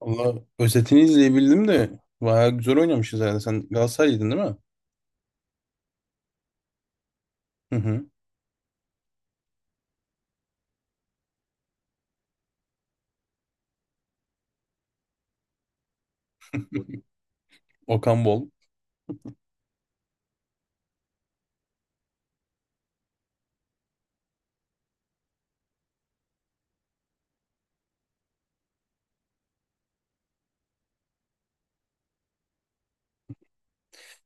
Valla özetini izleyebildim de bayağı güzel oynamışız herhalde. Sen Galatasaraylıydın değil mi? Hı hı. Okan Bol.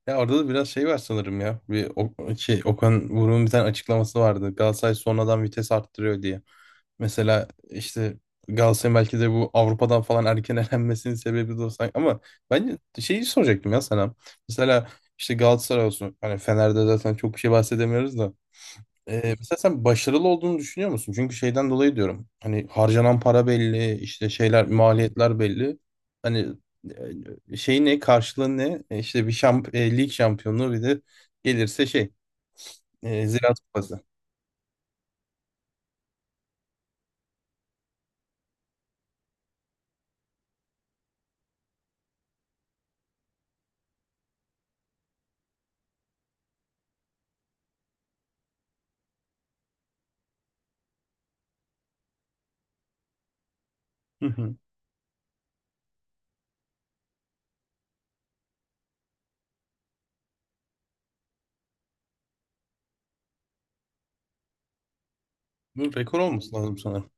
Ya orada da biraz şey var sanırım ya. Bir şey Okan Buruk'un bir tane açıklaması vardı. Galatasaray sonradan vites arttırıyor diye. Mesela işte Galatasaray belki de bu Avrupa'dan falan erken elenmesinin sebebi de o sanki. Ama ben şeyi soracaktım ya sana. Mesela işte Galatasaray olsun. Hani Fener'de zaten çok bir şey bahsedemiyoruz da. Mesela sen başarılı olduğunu düşünüyor musun? Çünkü şeyden dolayı diyorum. Hani harcanan para belli, işte şeyler, maliyetler belli. Hani şey ne, karşılığı ne? İşte bir lig şampiyonluğu, bir de gelirse şey, Ziraat Kupası. Hı hı. Bu rekor olması lazım sanırım.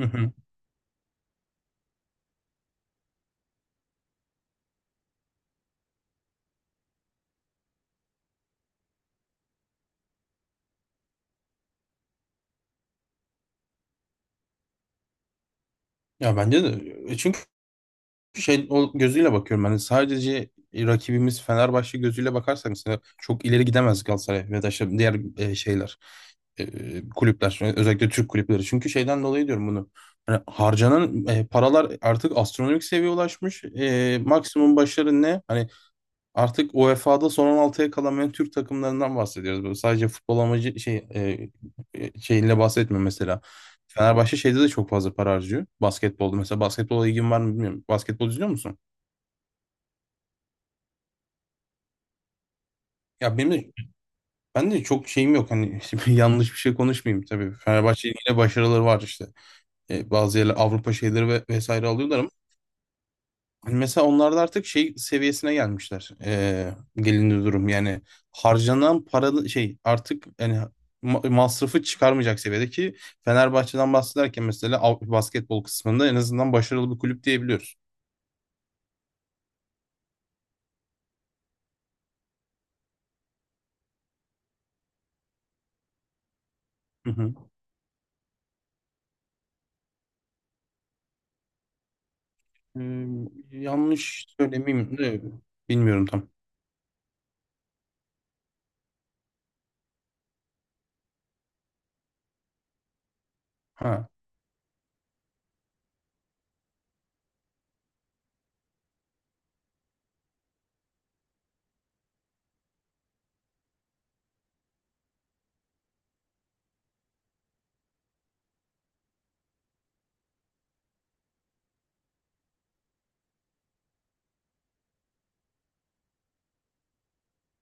Hı hı. Ya bence de. Çünkü şey o gözüyle bakıyorum. Hani sadece rakibimiz Fenerbahçe gözüyle bakarsak mesela çok ileri gidemez Galatasaray ve da işte diğer şeyler, kulüpler, özellikle Türk kulüpleri. Çünkü şeyden dolayı diyorum bunu. Hani harcanan paralar artık astronomik seviyeye ulaşmış. Maksimum başarı ne? Hani artık UEFA'da son on altıya kalan Türk takımlarından bahsediyoruz. Böyle sadece futbol amacı şey şeyinle bahsetmiyor mesela. Fenerbahçe şeyde de çok fazla para harcıyor. Basketbolda mesela, basketbola ilgin var mı bilmiyorum. Basketbol izliyor musun? Ya benim de ben de çok şeyim yok hani şimdi yanlış bir şey konuşmayayım tabii. Fenerbahçe'nin yine başarıları var işte. Bazı yerler Avrupa şeyleri ve vesaire alıyorlar. Hani mesela onlar da artık şey seviyesine gelmişler. Gelindi durum yani, harcanan para şey artık yani masrafı çıkarmayacak seviyede ki Fenerbahçe'den bahsederken mesela basketbol kısmında en azından başarılı bir kulüp diyebiliyoruz. Hı hı. Ee, yanlış söylemeyeyim de bilmiyorum tam. Ha.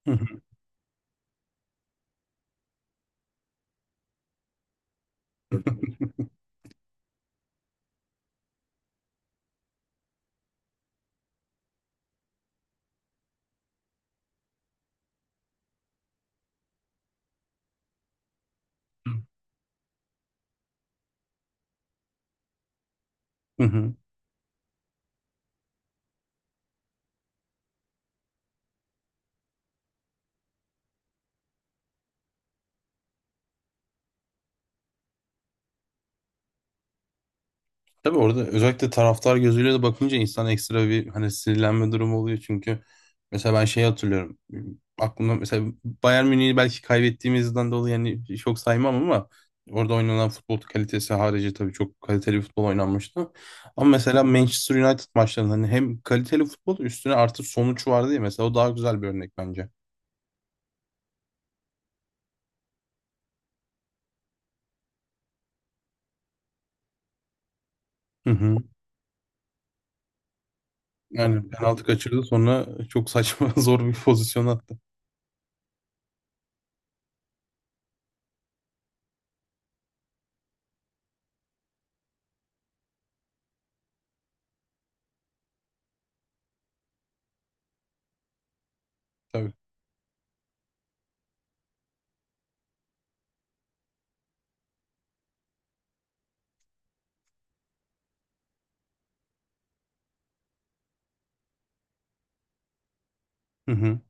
Hı hı. Hı hı. Tabii orada özellikle taraftar gözüyle de bakınca insan ekstra bir hani sinirlenme durumu oluyor çünkü mesela ben şeyi hatırlıyorum aklımda. Mesela Bayern Münih'i belki kaybettiğimizden dolayı yani çok saymam ama orada oynanan futbol kalitesi harici tabii çok kaliteli bir futbol oynanmıştı. Ama mesela Manchester United maçlarında hani hem kaliteli futbol üstüne artı sonuç vardı ya, mesela o daha güzel bir örnek bence. Hı hı. Yani penaltı kaçırdı, sonra çok saçma zor bir pozisyon attı. Tabii. Hı hı.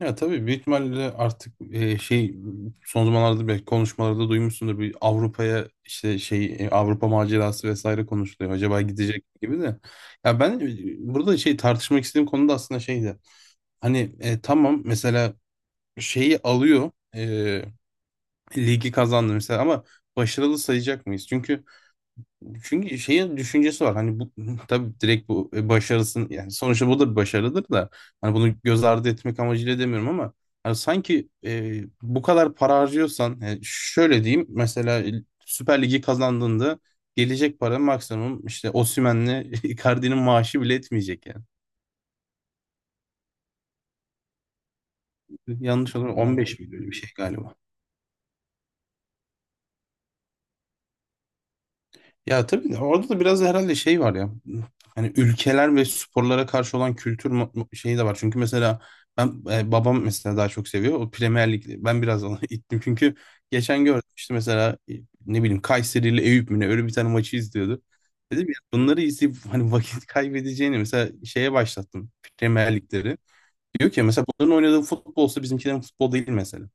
Ya tabii, büyük ihtimalle artık şey son zamanlarda belki konuşmalarda duymuşsundur, bir Avrupa'ya işte şey Avrupa macerası vesaire konuşuluyor. Acaba gidecek gibi de. Ya ben burada şey tartışmak istediğim konu da aslında şeydi. Hani tamam, mesela şeyi alıyor, ligi kazandı mesela ama başarılı sayacak mıyız? Çünkü şeyin düşüncesi var hani bu tabii direkt bu başarısın yani. Sonuçta bu da bir başarıdır da hani bunu göz ardı etmek amacıyla demiyorum ama hani sanki bu kadar para harcıyorsan şöyle diyeyim mesela, Süper Lig'i kazandığında gelecek para maksimum işte Osimhen'le Icardi'nin maaşı bile etmeyecek yani. Yanlış olur, 15 milyon bir şey galiba. Ya tabii de orada da biraz da herhalde şey var ya. Hani ülkeler ve sporlara karşı olan kültür şeyi de var. Çünkü mesela ben, babam mesela daha çok seviyor. O Premier Lig'i ben biraz ona ittim. Çünkü geçen gördüm işte, mesela ne bileyim, Kayseri ile Eyüp mü ne, öyle bir tane maçı izliyordu. Dedim ya bunları izleyip hani vakit kaybedeceğini, mesela şeye başlattım Premier Lig'leri. Diyor ki mesela bunların oynadığı futbol olsa bizimkilerin futbol değil mesela.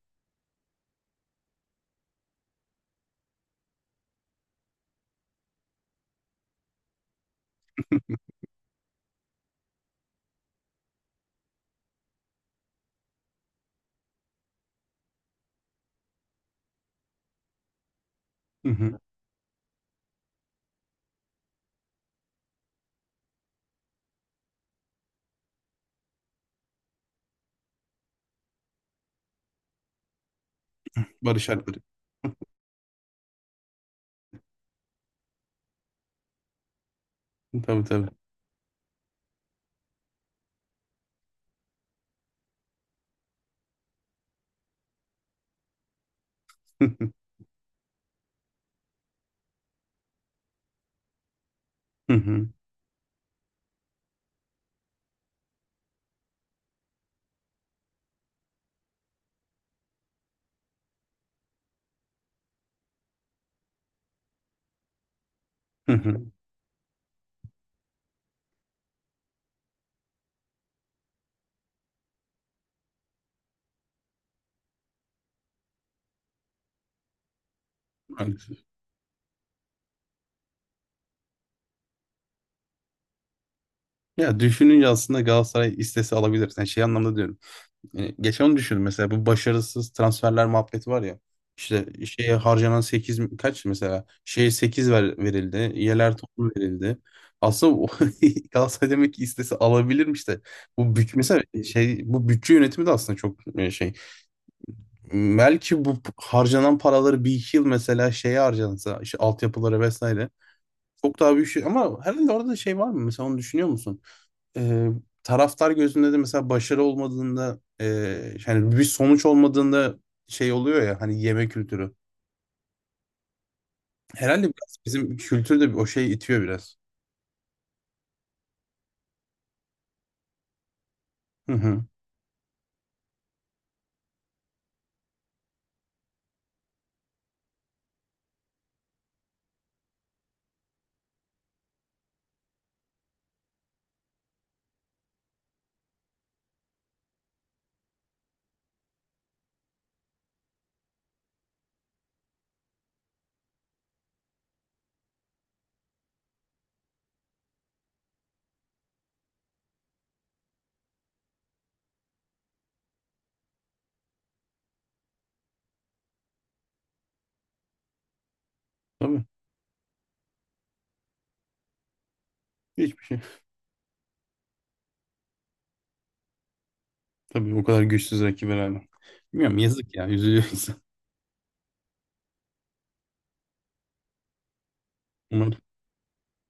Hı hı. Barış Alper. Tabii tabii. Hı hı. Hı hı. Ya düşününce aslında Galatasaray istese alabilir. Yani şey anlamda diyorum. Yani geçen onu düşündüm mesela, bu başarısız transferler muhabbeti var ya. İşte şeye harcanan 8 mi- kaç mesela? Şeye 8 ver, verildi. Yeler toplu verildi. Aslında Galatasaray demek ki istese alabilirmiş de. Bu mesela şey, bu bütçe yönetimi de aslında çok şey. Belki bu harcanan paraları bir iki yıl mesela şeye harcansa, işte altyapılara vesaire. Çok daha büyük şey, ama herhalde orada şey var mı? Mesela onu düşünüyor musun? e, Taraftar gözünde de mesela başarı olmadığında, yani bir sonuç olmadığında şey oluyor ya, hani yeme kültürü. Herhalde biraz bizim kültür de o şey itiyor biraz. Hı hı. Tabii. Hiçbir şey. Tabii o kadar güçsüz rakip herhalde. Bilmiyorum, yazık ya, üzülüyor insan. Umarım